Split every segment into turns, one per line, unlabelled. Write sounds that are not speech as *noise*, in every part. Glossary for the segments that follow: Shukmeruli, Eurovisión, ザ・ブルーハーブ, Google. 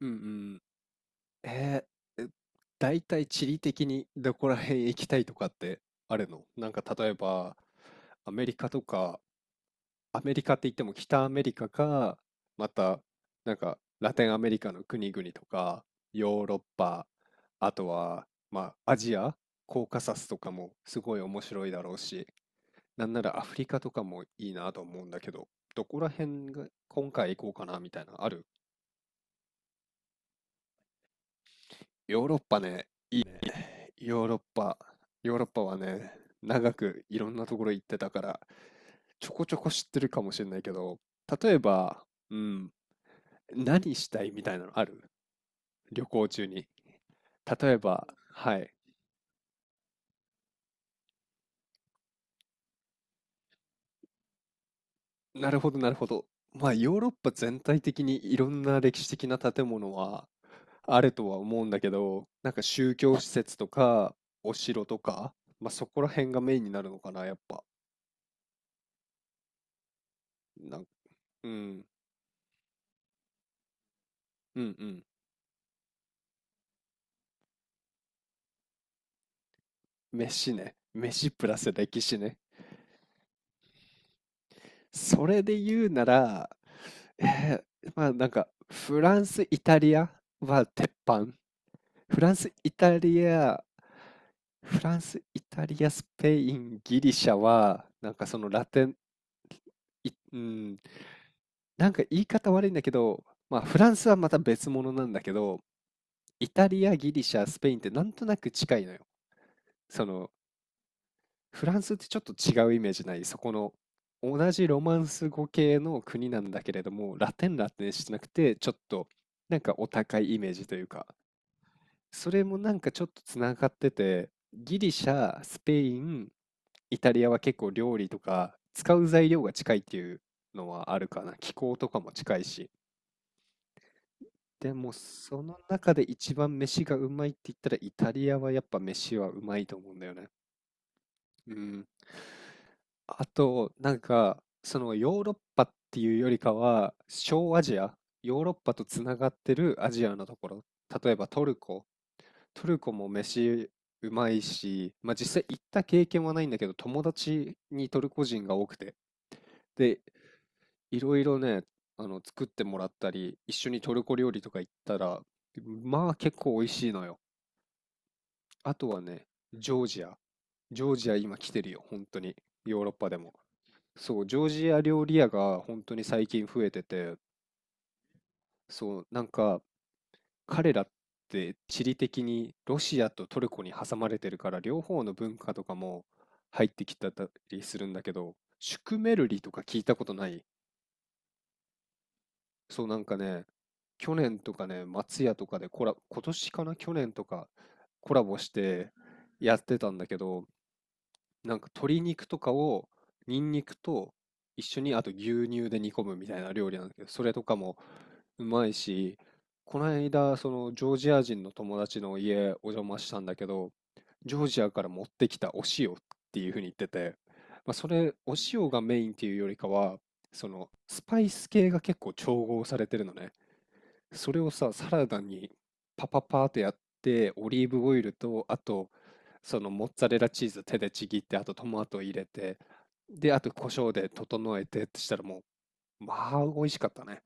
うんうん、えー、えだいたい地理的にどこら辺行きたいとかってあるなんか例えば、アメリカとか、アメリカって言っても北アメリカか、また、なんか、ラテンアメリカの国々とか、ヨーロッパ、あとは、まあ、アジア、コーカサスとかもすごい面白いだろうし、なんならアフリカとかもいいなと思うんだけど、どこら辺が今回行こうかなみたいな、ある？ヨーロッパね、ヨーロッパ、ヨーロッパはね、長くいろんなところ行ってたから、ちょこちょこ知ってるかもしれないけど、例えば、うん、何したいみたいなのある、旅行中に。例えば、はい、なるほど、なるほど。まあ、ヨーロッパ全体的にいろんな歴史的な建物はあるとは思うんだけど、なんか宗教施設とか、お城とか、まあ、そこら辺がメインになるのかな、やっぱ。なんうん、うん、うん。飯ね。飯プラス歴史ね。それで言うなら、まあなんか、フランス、イタリアは鉄板。フランス、イタリア、フランス、イタリア、スペイン、ギリシャは、なんかそのラテン、うん、なんか言い方悪いんだけど、まあフランスはまた別物なんだけど、イタリア、ギリシャ、スペインってなんとなく近いのよ。その、フランスってちょっと違うイメージない？そこの、同じロマンス語系の国なんだけれども、ラテンラテンしてなくて、ちょっとなんかお高いイメージというか、それもなんかちょっとつながってて、ギリシャ、スペイン、イタリアは結構料理とか使う材料が近いっていうのはあるかな。気候とかも近いし。でもその中で一番飯がうまいって言ったらイタリアはやっぱ飯はうまいと思うんだよね。うん。あと、なんか、そのヨーロッパっていうよりかは、小アジア、ヨーロッパとつながってるアジアのところ、例えばトルコ、トルコも飯うまいし、まあ実際行った経験はないんだけど、友達にトルコ人が多くて、で、いろいろね、作ってもらったり、一緒にトルコ料理とか行ったら、まあ結構美味しいのよ。あとはね、ジョージア。ジョージア今来てるよ、本当に。ヨーロッパでも。そう、ジョージア料理屋が本当に最近増えてて、そう、なんか彼らって地理的にロシアとトルコに挟まれてるから、両方の文化とかも入ってきてたりするんだけど、シュクメルリとか聞いたことない？そう、なんかね、去年とかね、松屋とかでコラ、今年かな、去年とかコラボしてやってたんだけど、なんか鶏肉とかをニンニクと一緒に、あと牛乳で煮込むみたいな料理なんだけど、それとかもうまいし、この間そのジョージア人の友達の家お邪魔したんだけど、ジョージアから持ってきたお塩っていうふうに言ってて、まあ、それお塩がメインっていうよりかは、そのスパイス系が結構調合されてるのね。それをさ、サラダにパパパーってやって、オリーブオイルと、あと、そのモッツァレラチーズ手でちぎって、あとトマト入れて、で、あと胡椒で整えてってしたらもう、まあ、美味しかったね。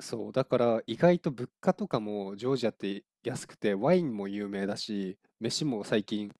そう、だから意外と物価とかもジョージアって安くて、ワインも有名だし、飯も最近、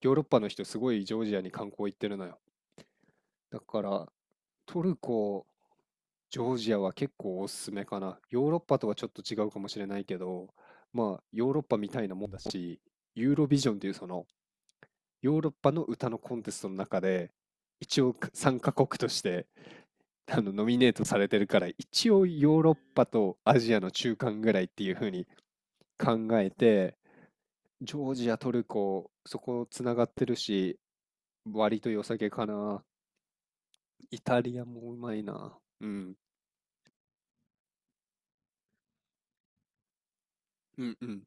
ヨーロッパの人すごいジョージアに観光行ってるのよ。だから、トルコ、ジョージアは結構おすすめかな。ヨーロッパとはちょっと違うかもしれないけど、まあヨーロッパみたいなもんだし、ユーロビジョンっていうそのヨーロッパの歌のコンテストの中で、一応参加国として *laughs* ノミネートされてるから、一応ヨーロッパとアジアの中間ぐらいっていう風に考えて、ジョージア、トルコ、そこつながってるし、割と良さげかな。イタリアもうまいな。うん、うん、うん、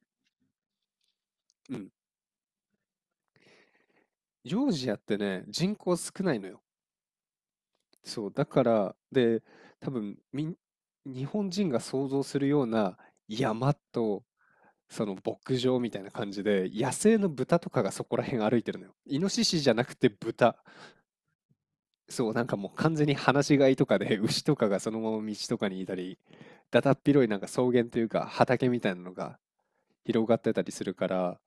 うん。ジョージアってね、人口少ないのよ。そう、だから、で、多分みん、日本人が想像するような山と、その牧場みたいな感じで、野生の豚とかがそこら辺歩いてるのよ。イノシシじゃなくて豚。そう、なんかもう完全に放し飼いとかで、*laughs* 牛とかがそのまま道とかにいたり、だだっ広いなんか草原というか畑みたいなのが広がってたりするから、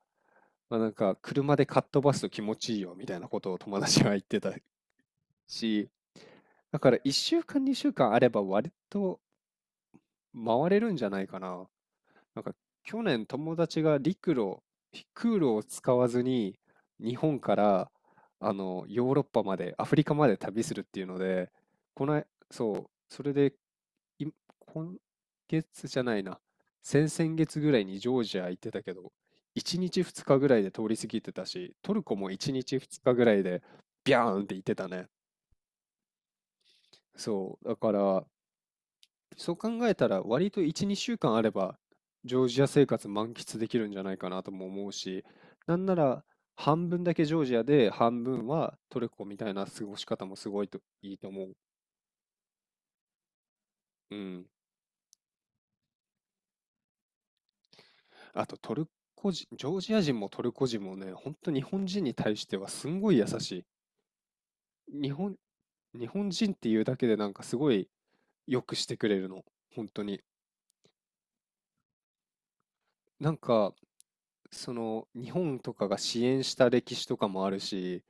まあ、なんか車でかっ飛ばすと気持ちいいよみたいなことを友達は言ってたし、だから1週間、2週間あれば割と回れるんじゃないかな。なんか去年友達が陸路、空路を使わずに日本からあのヨーロッパまで、アフリカまで旅するっていうので、この、そう、それでい今月じゃないな、先々月ぐらいにジョージア行ってたけど、1日2日ぐらいで通り過ぎてたし、トルコも1日2日ぐらいでビャーンって行ってたね。そう、だからそう考えたら割と1、2週間あればジョージア生活満喫できるんじゃないかなとも思うし、なんなら半分だけジョージアで半分はトルコみたいな過ごし方もすごいといいと思う。うん。あとトルコ人、ジョージア人もトルコ人もね、本当日本人に対してはすんごい優しい。日本人っていうだけでなんかすごい良くしてくれるの。本当に。なんか、その日本とかが支援した歴史とかもあるし、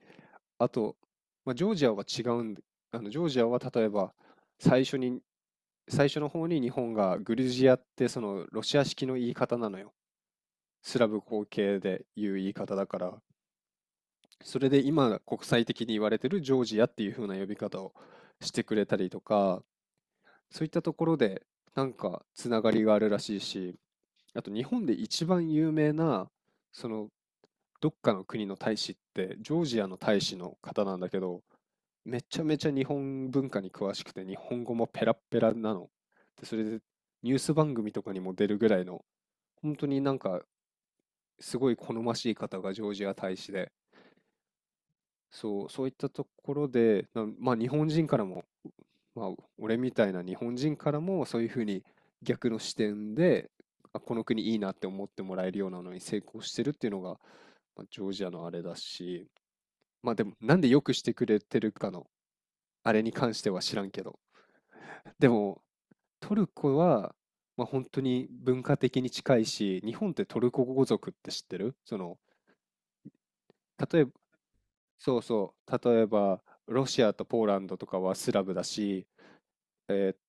あと、まあ、ジョージアは違うんで、あのジョージアは例えば最初に、最初の方に日本がグルジアってそのロシア式の言い方なのよ。スラブ後継で言う言い方だから、それで今国際的に言われてるジョージアっていう風な呼び方をしてくれたりとか、そういったところでなんかつながりがあるらしいし、あと日本で一番有名なその、どっかの国の大使ってジョージアの大使の方なんだけど、めちゃめちゃ日本文化に詳しくて日本語もペラッペラなの。でそれでニュース番組とかにも出るぐらいの本当になんかすごい好ましい方がジョージア大使で、そう、そういったところでな、まあ日本人からも、まあ俺みたいな日本人からもそういうふうに逆の視点で、あ、この国いいなって思ってもらえるようなのに成功してるっていうのが、まあ、ジョージアのあれだし。まあでも、なんでよくしてくれてるかの、あれに関しては知らんけど。でも、トルコは、まあ本当に文化的に近いし、日本ってトルコ語族って知ってる、その、例えば、そうそう、例えば、ロシアとポーランドとかはスラブだし、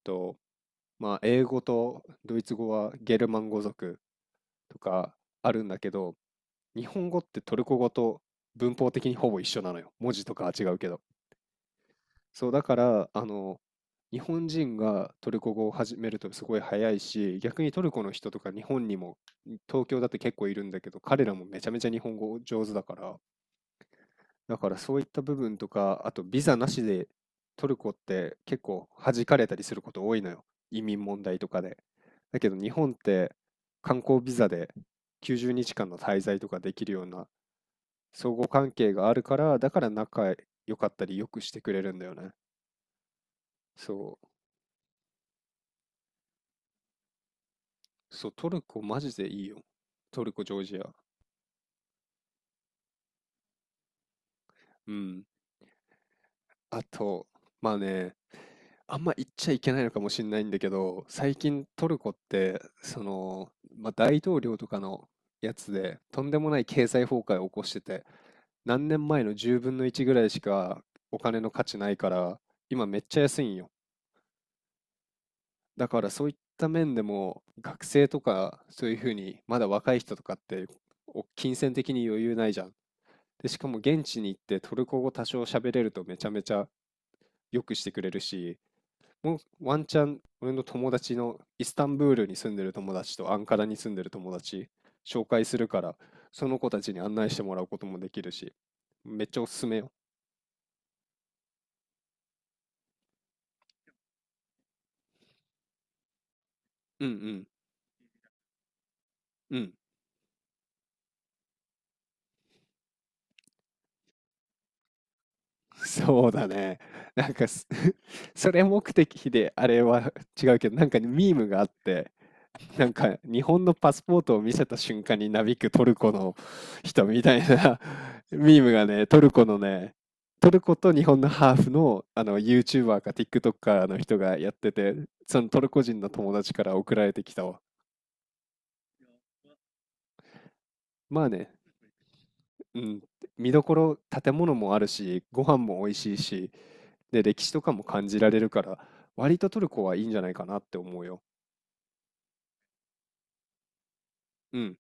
と、まあ英語とドイツ語はゲルマン語族とかあるんだけど、日本語ってトルコ語と文法的にほぼ一緒なのよ。文字とかは違うけど。そう、だから、あの、日本人がトルコ語を始めるとすごい早いし、逆にトルコの人とか日本にも、東京だって結構いるんだけど、彼らもめちゃめちゃ日本語上手だから、だからそういった部分とか、あとビザなしでトルコって結構弾かれたりすること多いのよ。移民問題とかで。だけど日本って観光ビザで90日間の滞在とかできるような相互関係があるから、だから仲良かったりよくしてくれるんだよね。そう。そう、トルコマジでいいよ。トルコ、ジョージア。うん。あと、まあね、あんま言っちゃいけないのかもしれないんだけど、最近トルコって、その、まあ、大統領とかのやつで、とんでもない経済崩壊を起こしてて、何年前の10分の1ぐらいしかお金の価値ないから、今めっちゃ安いんよ。だからそういった面でも、学生とか、そういうふうに、まだ若い人とかって、お金銭的に余裕ないじゃん。で、しかも現地に行ってトルコ語多少喋れるとめちゃめちゃ良くしてくれるし、もうワンチャン俺の友達のイスタンブールに住んでる友達とアンカラに住んでる友達紹介するから、その子たちに案内してもらうこともできるし、めっちゃおすすめよ。うんうんうん。*laughs* そうだね。なんかす *laughs* それ目的であれは違うけど、なんかねミームがあって、なんか日本のパスポートを見せた瞬間になびくトルコの人みたいな *laughs* ミームがね、トルコと日本のハーフの、あの YouTuber か TikToker の人がやってて、そのトルコ人の友達から送られてきたわ。まあね、うん、見どころ、建物もあるし、ご飯も美味しいし、で、歴史とかも感じられるから、割とトルコはいいんじゃないかなって思うよ。うん。